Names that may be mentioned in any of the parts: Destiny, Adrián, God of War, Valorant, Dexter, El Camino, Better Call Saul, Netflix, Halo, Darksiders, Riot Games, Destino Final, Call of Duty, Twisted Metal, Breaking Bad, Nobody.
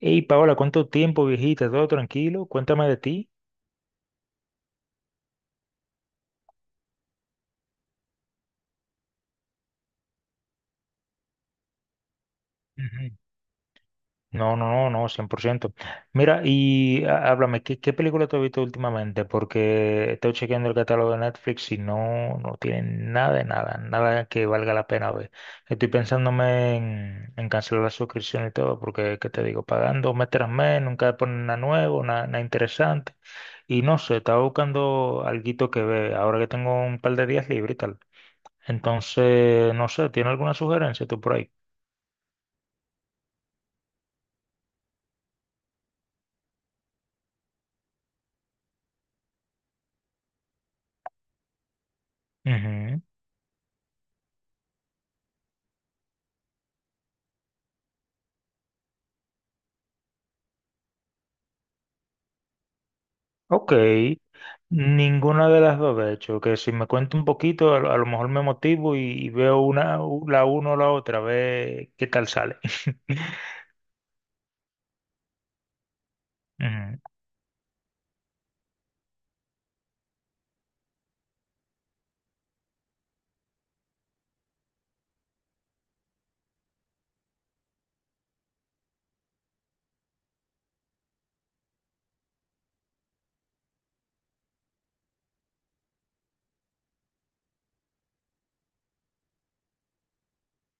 Hey, Paola, ¿cuánto tiempo, viejita? ¿Todo tranquilo? Cuéntame de ti. Ujú. No, no, no, no, 100%. Mira, háblame, ¿qué película te has visto últimamente? Porque estoy chequeando el catálogo de Netflix y no, no tienen nada de nada, nada que valga la pena ver. Estoy pensándome en cancelar la suscripción y todo, porque, ¿qué te digo? Pagando mes tras mes, nunca ponen nada nuevo, nada, nada interesante. Y no sé, estaba buscando alguito que ver, ahora que tengo un par de días libres y tal. Entonces, no sé, ¿tiene alguna sugerencia tú por ahí? Ujú. Ok, ninguna de las dos, de hecho, que si me cuento un poquito, a, lo mejor me motivo y veo una, la una o la otra, a ver qué tal sale. Ujú.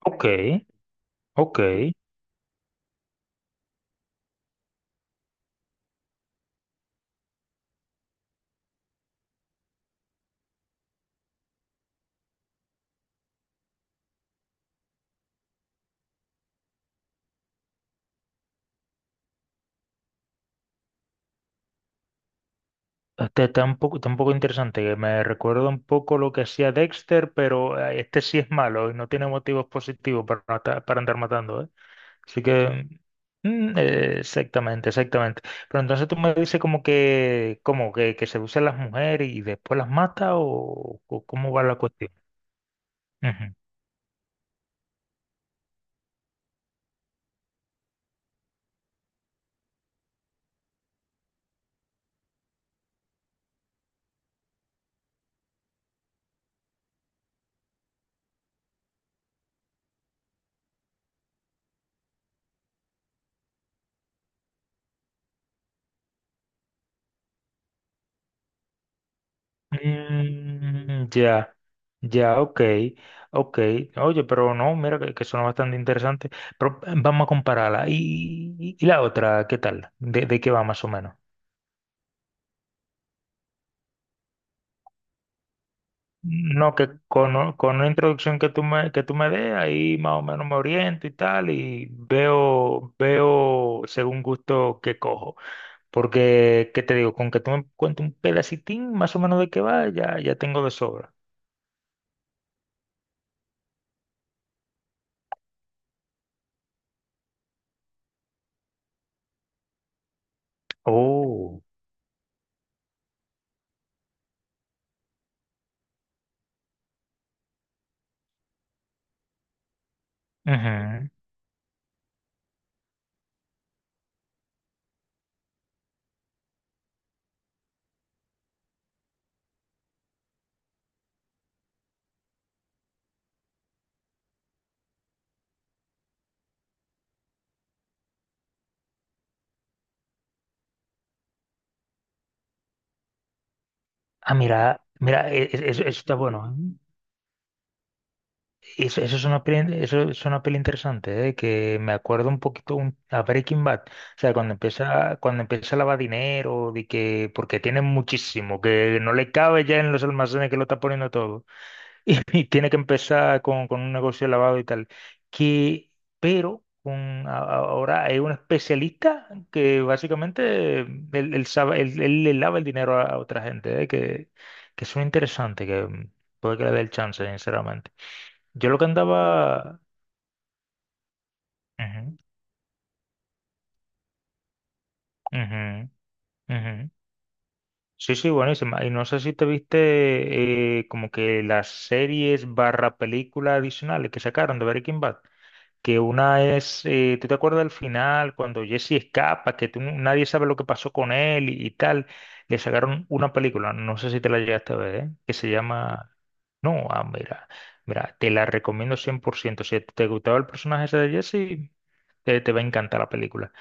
Ok, ok. Este está un poco interesante, que me recuerda un poco lo que hacía Dexter, pero este sí es malo y no tiene motivos positivos para, para andar matando, ¿eh? Así que, exactamente, exactamente. Pero entonces tú me dices como que seduce a las mujeres y después las mata o cómo va la cuestión. Ujú. Ya, ya, ok, ok. Oye, pero no, mira que suena bastante interesante. Pero vamos a compararla. ¿Y, y la otra, qué tal? De qué va más o menos? No, que con una introducción que tú me des, ahí más o menos me oriento y tal, y veo, veo según gusto que cojo. Porque, ¿qué te digo? Con que tú me cuentes un pedacitín más o menos de qué va, ya, ya tengo de sobra. Oh. Ujú. Ah, mira, mira, eso, eso está bueno, ¿eh? Y eso es una peli, eso es una peli interesante, ¿eh? Que me acuerdo un poquito a Breaking Bad. O sea, cuando empieza a lavar dinero, de que, porque tiene muchísimo, que no le cabe ya en los almacenes que lo está poniendo todo. Y, y tiene que empezar con un negocio de lavado y tal. Que, pero con, ahora hay un especialista que básicamente él, él sabe, él le lava el dinero a otra gente, ¿eh? Que es interesante, que puede que le dé el chance, sinceramente. Yo lo que andaba... Ujú, ujú, ujú. Sí, sí, buenísima. Y no sé si te viste como que las series barra películas adicionales que sacaron de Breaking Bad, que una es, ¿tú te acuerdas del final cuando Jesse escapa, que nadie sabe lo que pasó con él y tal? Le sacaron una película, no sé si te la llegaste a ver, ¿eh? Que se llama... No, ah, mira, mira, te la recomiendo 100%. Si te gustaba el personaje ese de Jesse, te va a encantar la película.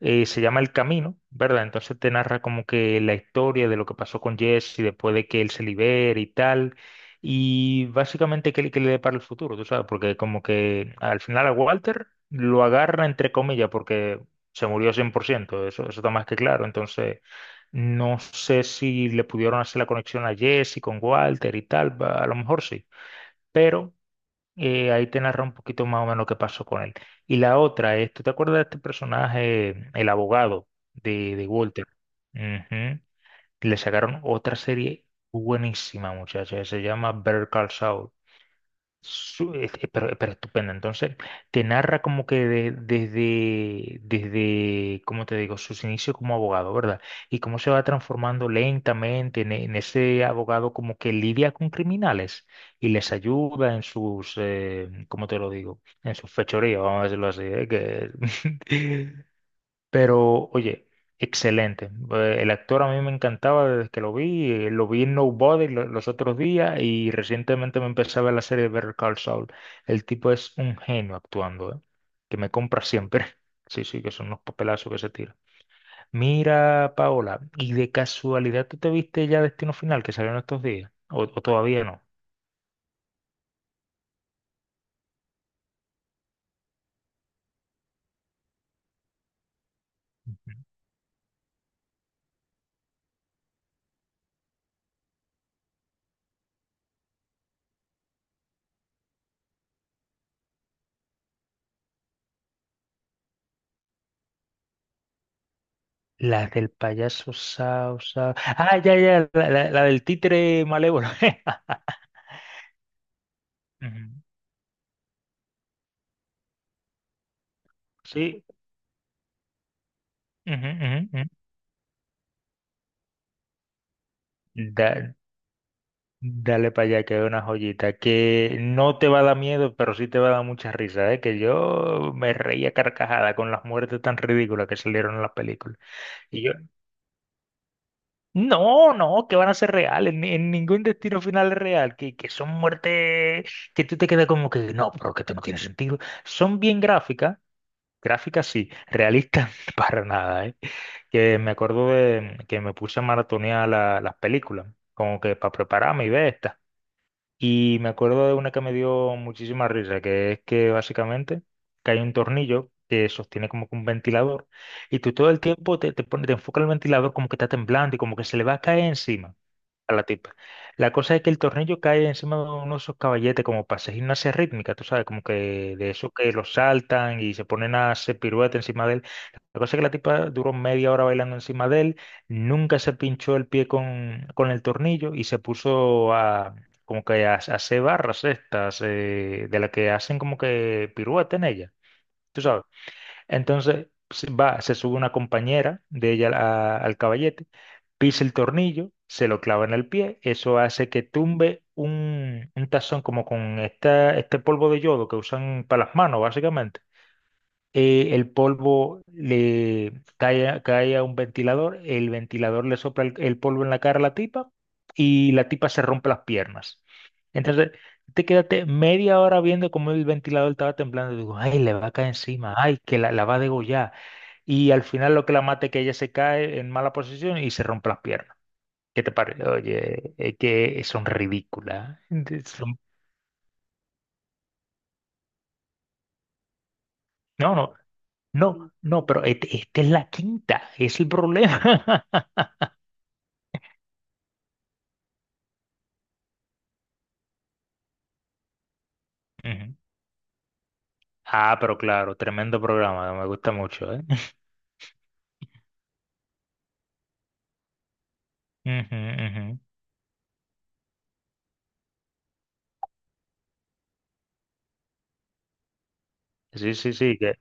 Se llama El Camino, ¿verdad? Entonces te narra como que la historia de lo que pasó con Jesse después de que él se libere y tal. Y básicamente, ¿qué le depara el futuro? ¿Tú sabes? Porque como que al final a Walter lo agarra entre comillas porque se murió 100%, eso, eso está más que claro. Entonces, no sé si le pudieron hacer la conexión a Jesse con Walter y tal, a lo mejor sí, pero ahí te narra un poquito más o menos qué pasó con él. Y la otra es, ¿tú te acuerdas de este personaje, el abogado de Walter? Ujú. Le sacaron otra serie buenísima, muchacha, se llama Better Call Saul. Pero estupendo. Entonces, te narra como que desde, desde, ¿cómo te digo? Sus inicios como abogado, ¿verdad? Y cómo se va transformando lentamente en ese abogado como que lidia con criminales y les ayuda en sus, ¿cómo te lo digo? En sus fechorías, vamos a decirlo así, ¿eh? Que Pero, oye, excelente. El actor a mí me encantaba desde que lo vi, lo vi en Nobody los otros días y recientemente me empecé a ver la serie de Better Call Saul. El tipo es un genio actuando, ¿eh? Que me compra siempre. Sí, sí, que son unos papelazos que se tira. Mira, Paola, ¿y de casualidad tú te viste ya Destino Final que salió en estos días? O todavía no? Ujú. La del payaso Sao Sao. Ah, ya, ya, la, la del títere malévolo. Ujú. Sí, ujú, ujú, ujú. Da- Dale para allá, que es una joyita que no te va a dar miedo, pero sí te va a dar mucha risa, ¿eh? Que yo me reía carcajada con las muertes tan ridículas que salieron en las películas. Y yo, no, no, que van a ser reales, en ningún destino final es real, que son muertes que tú te quedas como que, no, pero que esto no tiene sentido. Son bien gráficas. Gráficas sí, realistas para nada, ¿eh? Que me acuerdo de que me puse a maratonear las películas, como que para prepararme y ver esta. Y me acuerdo de una que me dio muchísima risa, que es que básicamente que hay un tornillo que sostiene como que un ventilador y tú todo el tiempo te, te, te enfoca el ventilador como que está temblando y como que se le va a caer encima a la tipa. La cosa es que el tornillo cae encima de uno de esos caballetes como para hacer gimnasia rítmica, tú sabes, como que de esos que los saltan y se ponen a hacer pirueta encima de él. La cosa es que la tipa duró media hora bailando encima de él, nunca se pinchó el pie con el tornillo y se puso a como que a hacer barras estas de las que hacen como que pirueta en ella, tú sabes. Entonces se va, se sube una compañera de ella al caballete, pisa el tornillo, se lo clava en el pie, eso hace que tumbe un tazón como con esta, este polvo de yodo que usan para las manos, básicamente el polvo le cae, a cae a un ventilador, el ventilador le sopla el polvo en la cara a la tipa y la tipa se rompe las piernas. Entonces, te quedaste media hora viendo cómo el ventilador estaba temblando. Digo, ay, le va a caer encima, ay, que la va a degollar. Y al final lo que la mata es que ella se cae en mala posición y se rompe las piernas. ¿Qué te parece? Oye, es que son ridículas. Son- No, no, no, no, pero esta es la quinta, es el problema. Ujú. Ah, pero claro, tremendo programa, me gusta mucho, ¿eh? Ujú, ujú. Sí, sí, sí, que,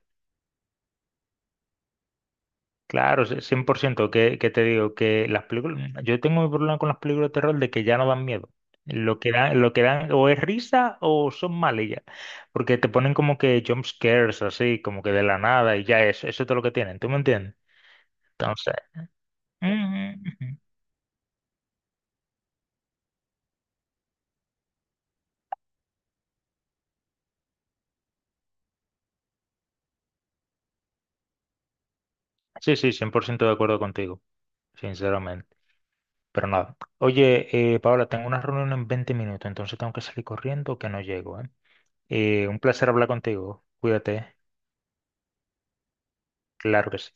claro, sí, 100%, que te digo, que las películas, yo tengo mi problema con las películas de terror de que ya no dan miedo. Lo que dan o es risa o son malas ya, porque te ponen como que jump scares así, como que de la nada y ya eso es todo lo que tienen, ¿tú me entiendes? Entonces, ujú, ujú. Sí, sí, 100% de acuerdo contigo, sinceramente. Pero nada. Oye, Paola, tengo una reunión en 20 minutos, entonces tengo que salir corriendo que no llego, ¿eh? Un placer hablar contigo. Cuídate. Claro que sí.